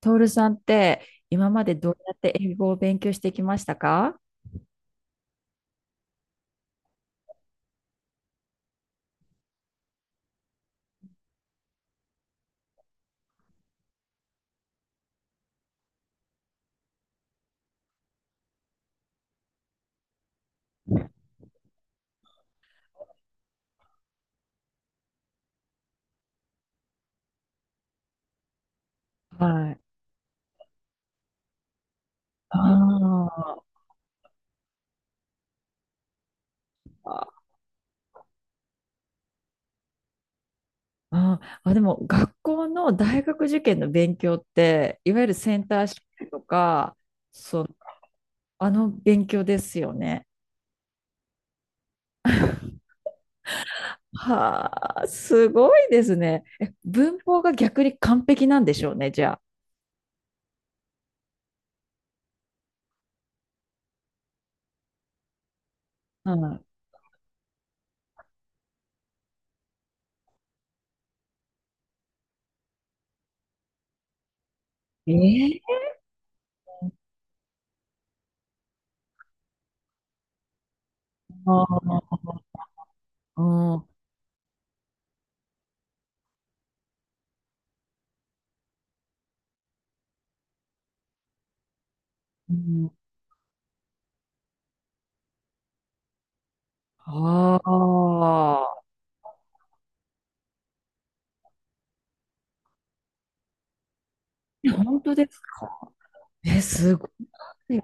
トールさんって今までどうやって英語を勉強してきましたか？はい。ああ、ああ、でも学校の大学受験の勉強って、いわゆるセンター試験とか、そう、あの勉強ですよね。はあ、すごいですね。え、文法が逆に完璧なんでしょうね、じゃあ。うん、えー、あーうんうんあー、本当ですか？え、すごい。う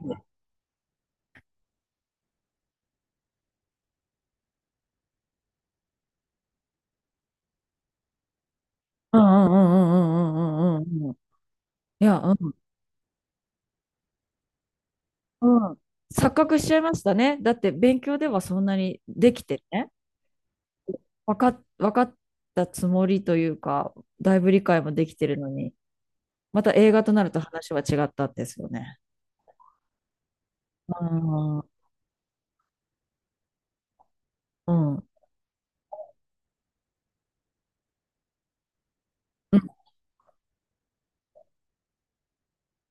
んうんうんうんうんうんうんうん。いや、うん。錯覚しちゃいましたね。だって勉強ではそんなにできてね、分かっ、わかったつもりというか、だいぶ理解もできてるのに、また映画となると話は違ったんですよね。うん。うん。うん、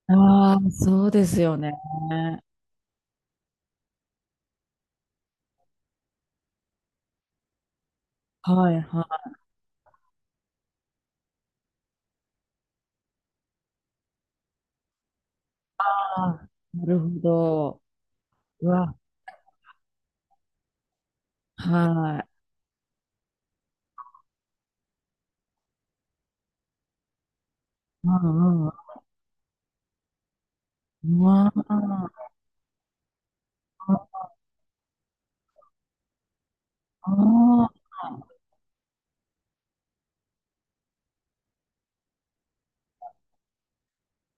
ああ、そうですよね。はいはい。なるほど。うわ、はい。うんうん。うわああー、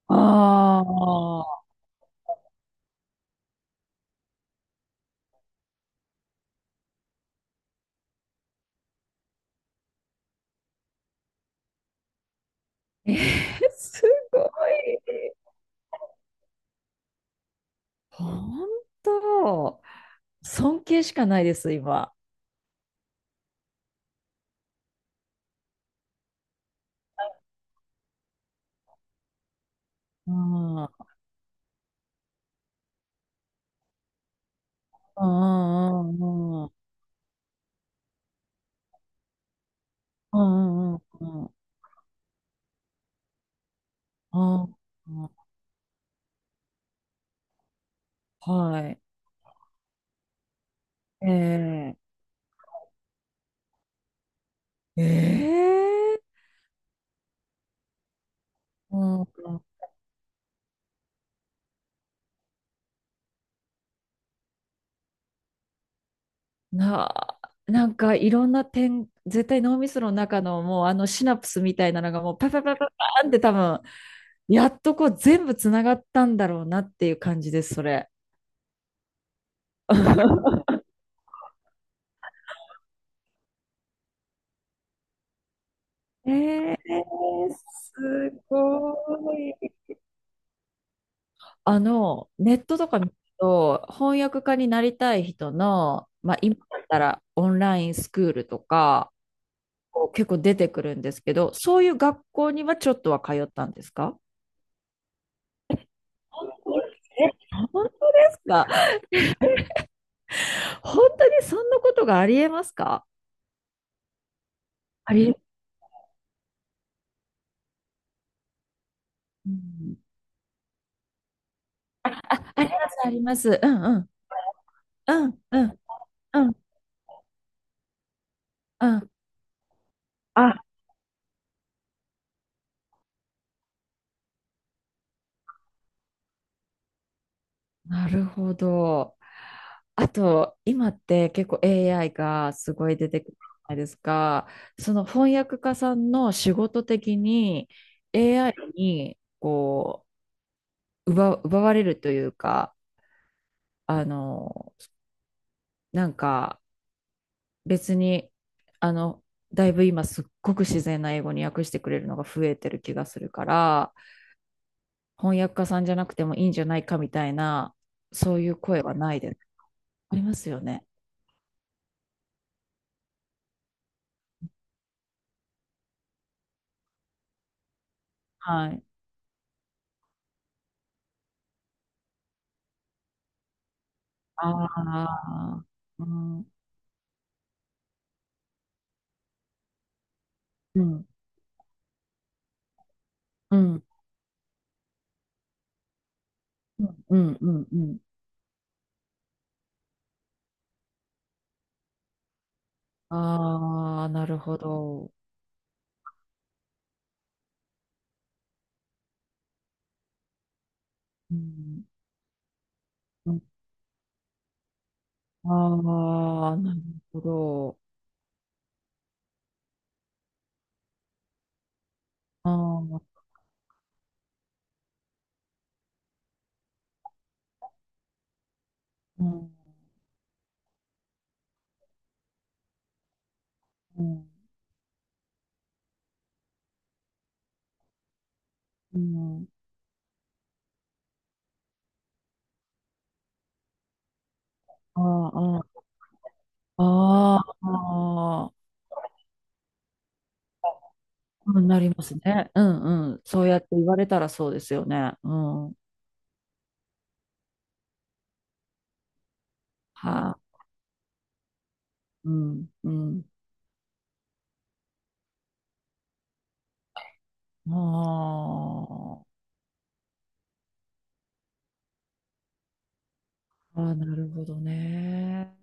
ああ。えー、すごい。本当、尊敬しかないです、今。うん、うん、うん、うん、うん、うん、うん、うん、うんうん、はい。えええーうん、な、なんかいろんな点、絶対脳みその中のもうあのシナプスみたいなのがもうパパパパパーンって多分、やっとこう全部つながったんだろうなっていう感じです、それ。ええ、すごい。ネットとか見ると、翻訳家になりたい人の、今だったらオンラインスクールとか、結構出てくるんですけど、そういう学校にはちょっとは通ったんですか？本当？え、本当ですか？本当にそんなことがありえますか？ありうん、あります、あります。うんうん、うん、うん、うん、うん。あ、なるほど。あと、今って結構 AI がすごい出てくるじゃないですか。その翻訳家さんの仕事的に AI に奪われるというか、あの、なんか別に、あの、だいぶ今すっごく自然な英語に訳してくれるのが増えてる気がするから、翻訳家さんじゃなくてもいいんじゃないかみたいな、そういう声はないですありますよね。はい。ああ、うん、うん、うん、うんうん、うん、うん。ああ、なるほど。うん、うん、ああ、なるほど。ああ、うん、うん、うん、ああ、ああ、ああ、うん、なりますね。うん、うん。そうやって言われたらそうですよね。うん。はい、うん、うん。ああ、ああ、なるほどね。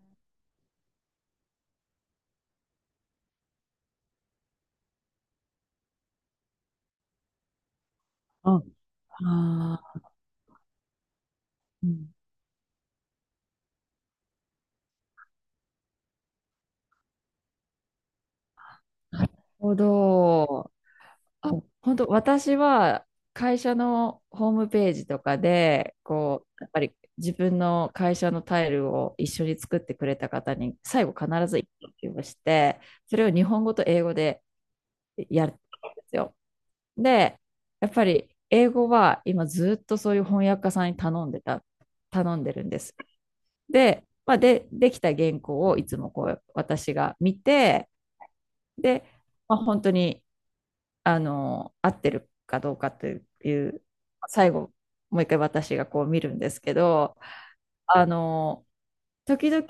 あ、ああ、うん、なるほど。あ、本当、私は会社のホームページとかで、やっぱり自分の会社のタイルを一緒に作ってくれた方に、最後必ず一句をして、それを日本語と英語でやるんですよ。で、やっぱり英語は今ずっとそういう翻訳家さんに頼んでた、頼んでるんです。で、で、できた原稿をいつも私が見て、で、本当に、合ってるかどうかという、最後、もう一回私が見るんですけど、あの、時々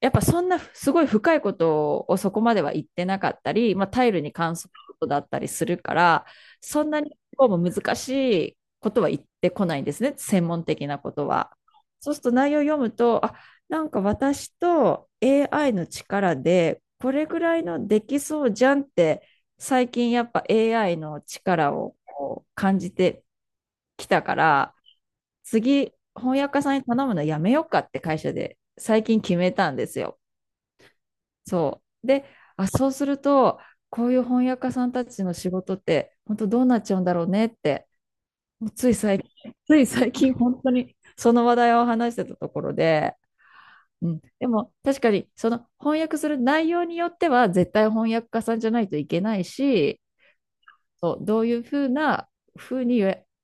やっぱそんなすごい深いことをそこまでは言ってなかったり、タイルに関することだったりするから、そんなにこうも難しいことは言ってこないんですね、専門的なことは。そうすると内容を読むと、なんか私と AI の力でこれぐらいのできそうじゃんって、最近やっぱ AI の力を感じてきたから、次翻訳家さんに頼むのやめようかって会社で最近決めたんですよ。そう。で、そうすると、こういう翻訳家さんたちの仕事って、本当どうなっちゃうんだろうねって、もうつい最近、つい最近、本当にその話題を話してたところで、うん、でも確かに、その翻訳する内容によっては、絶対翻訳家さんじゃないといけないし、そう、どういうふうに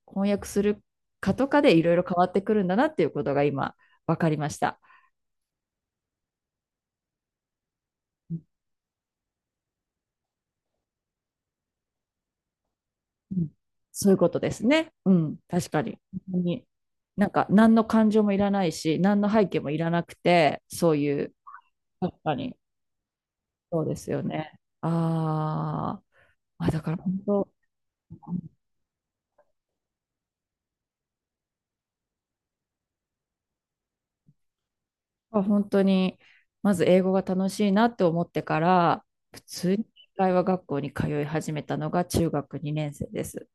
翻訳するかとかでいろいろ変わってくるんだなっていうことが今、分かりました。うん、そういうことですね。うん、確かに。本当に。なんか、何の感情もいらないし、何の背景もいらなくて、そういう、確かに、そうですよね。ああ、だから本当、本当に、まず英語が楽しいなって思ってから、普通に会話学校に通い始めたのが中学2年生です。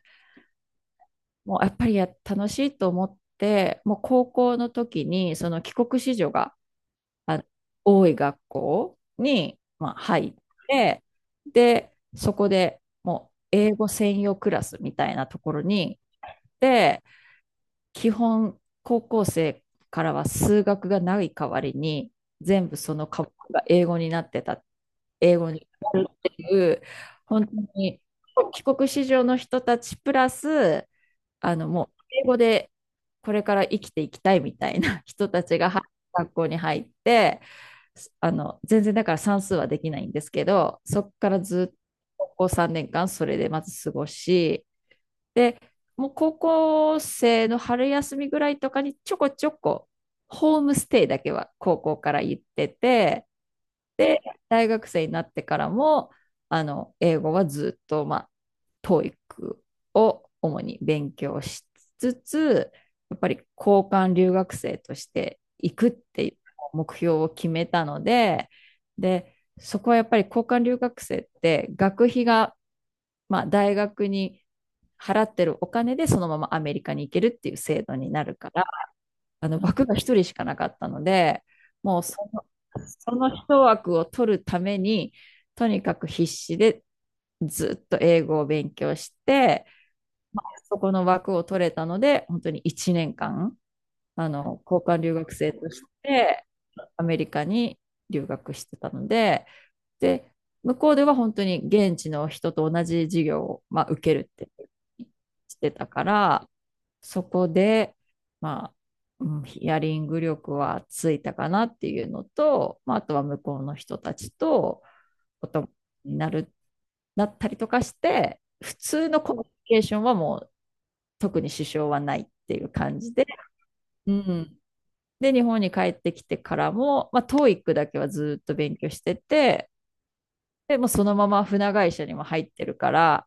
もうやっぱり楽しいと思って、もう高校の時にその帰国子女があ、多い学校に、入って、で、そこでもう英語専用クラスみたいなところに行って、基本高校生からは数学がない代わりに、全部その科目が英語になってた、英語になるっていう、本当に帰国子女の人たちプラス、もう英語でこれから生きていきたいみたいな人たちが入学校に入って、全然だから算数はできないんですけど、そこからずっと高校3年間それでまず過ごし、で、もう高校生の春休みぐらいとかにちょこちょこホームステイだけは高校から行ってて、で、大学生になってからも、英語はずっと、TOEIC を主に勉強しつつ、やっぱり交換留学生として行くっていう目標を決めたので、で、そこはやっぱり交換留学生って学費が、大学に払ってるお金でそのままアメリカに行けるっていう制度になるから、あの枠が一人しかなかったので、もうその一枠を取るために、とにかく必死でずっと英語を勉強して、そこの枠を取れたので、本当に1年間、交換留学生として、アメリカに留学してたので、で、向こうでは本当に現地の人と同じ授業を、受けるってしてたから、そこで、まあ、うんヒアリング力はついたかなっていうのと、あとは向こうの人たちとお友達になったりとかして、普通のコミュニケーションはもう特に支障はないっていう感じで、うん、で、日本に帰ってきてからも、TOEIC だけはずっと勉強してて、で、もうそのまま船会社にも入ってるから、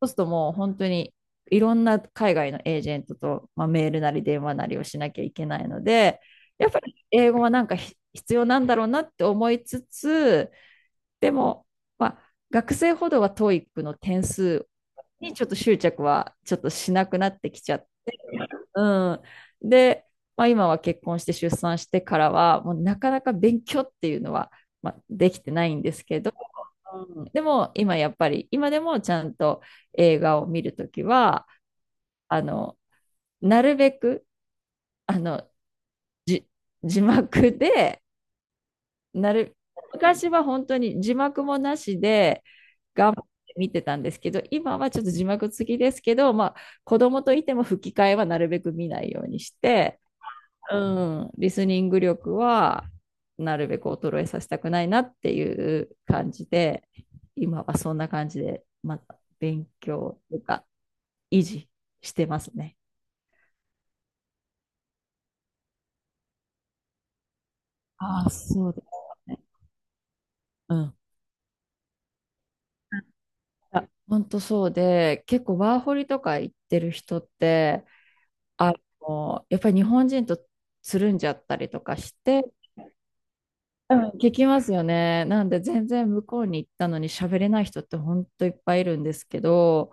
そうするともう本当にいろんな海外のエージェントと、メールなり電話なりをしなきゃいけないので、やっぱり英語はなんか必要なんだろうなって思いつつ、でも、学生ほどは TOEIC の点数にちょっと執着はちょっとしなくなってきちゃって、うん。で、今は結婚して出産してからは、もうなかなか勉強っていうのは、できてないんですけど、うん、でも今やっぱり今でもちゃんと映画を見るときはあのなるべくあの字幕で、なる昔は本当に字幕もなしで頑張って見てたんですけど、今はちょっと字幕付きですけど、子供といても吹き替えはなるべく見ないようにして、うん、リスニング力はなるべく衰えさせたくないなっていう感じで、今はそんな感じでまた勉強とか維持してますね。ああ、そうですね。うん。本当そうで、結構ワーホリとか行ってる人って、あやっぱり日本人とつるんじゃったりとかして、うん。聞きますよね。なんで全然向こうに行ったのに喋れない人って本当いっぱいいるんですけど、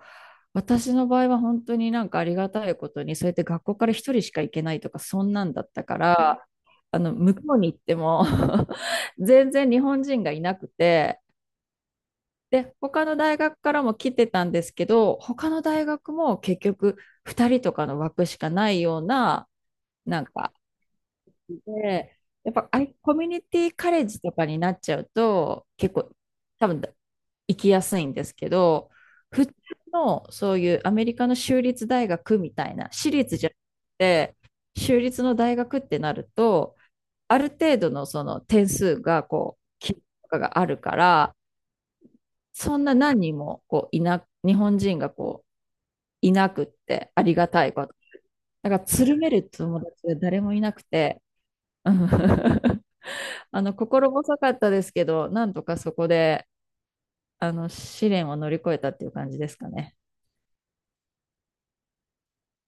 私の場合は本当になんかありがたいことに、そうやって学校から一人しか行けないとか、そんなんだったから、向こうに行っても 全然日本人がいなくて、で、他の大学からも来てたんですけど、他の大学も結局2人とかの枠しかないような、なんか、で、やっぱコミュニティカレッジとかになっちゃうと、結構多分行きやすいんですけど、普通のそういうアメリカの州立大学みたいな、私立じゃなくて、州立の大学ってなると、ある程度のその点数が基準とかがあるから、そんな何人もこういな、日本人がこういなくって、ありがたいこと。だから、つるめる友達が誰もいなくて、うん、心細かったですけど、なんとかそこで、試練を乗り越えたっていう感じですかね。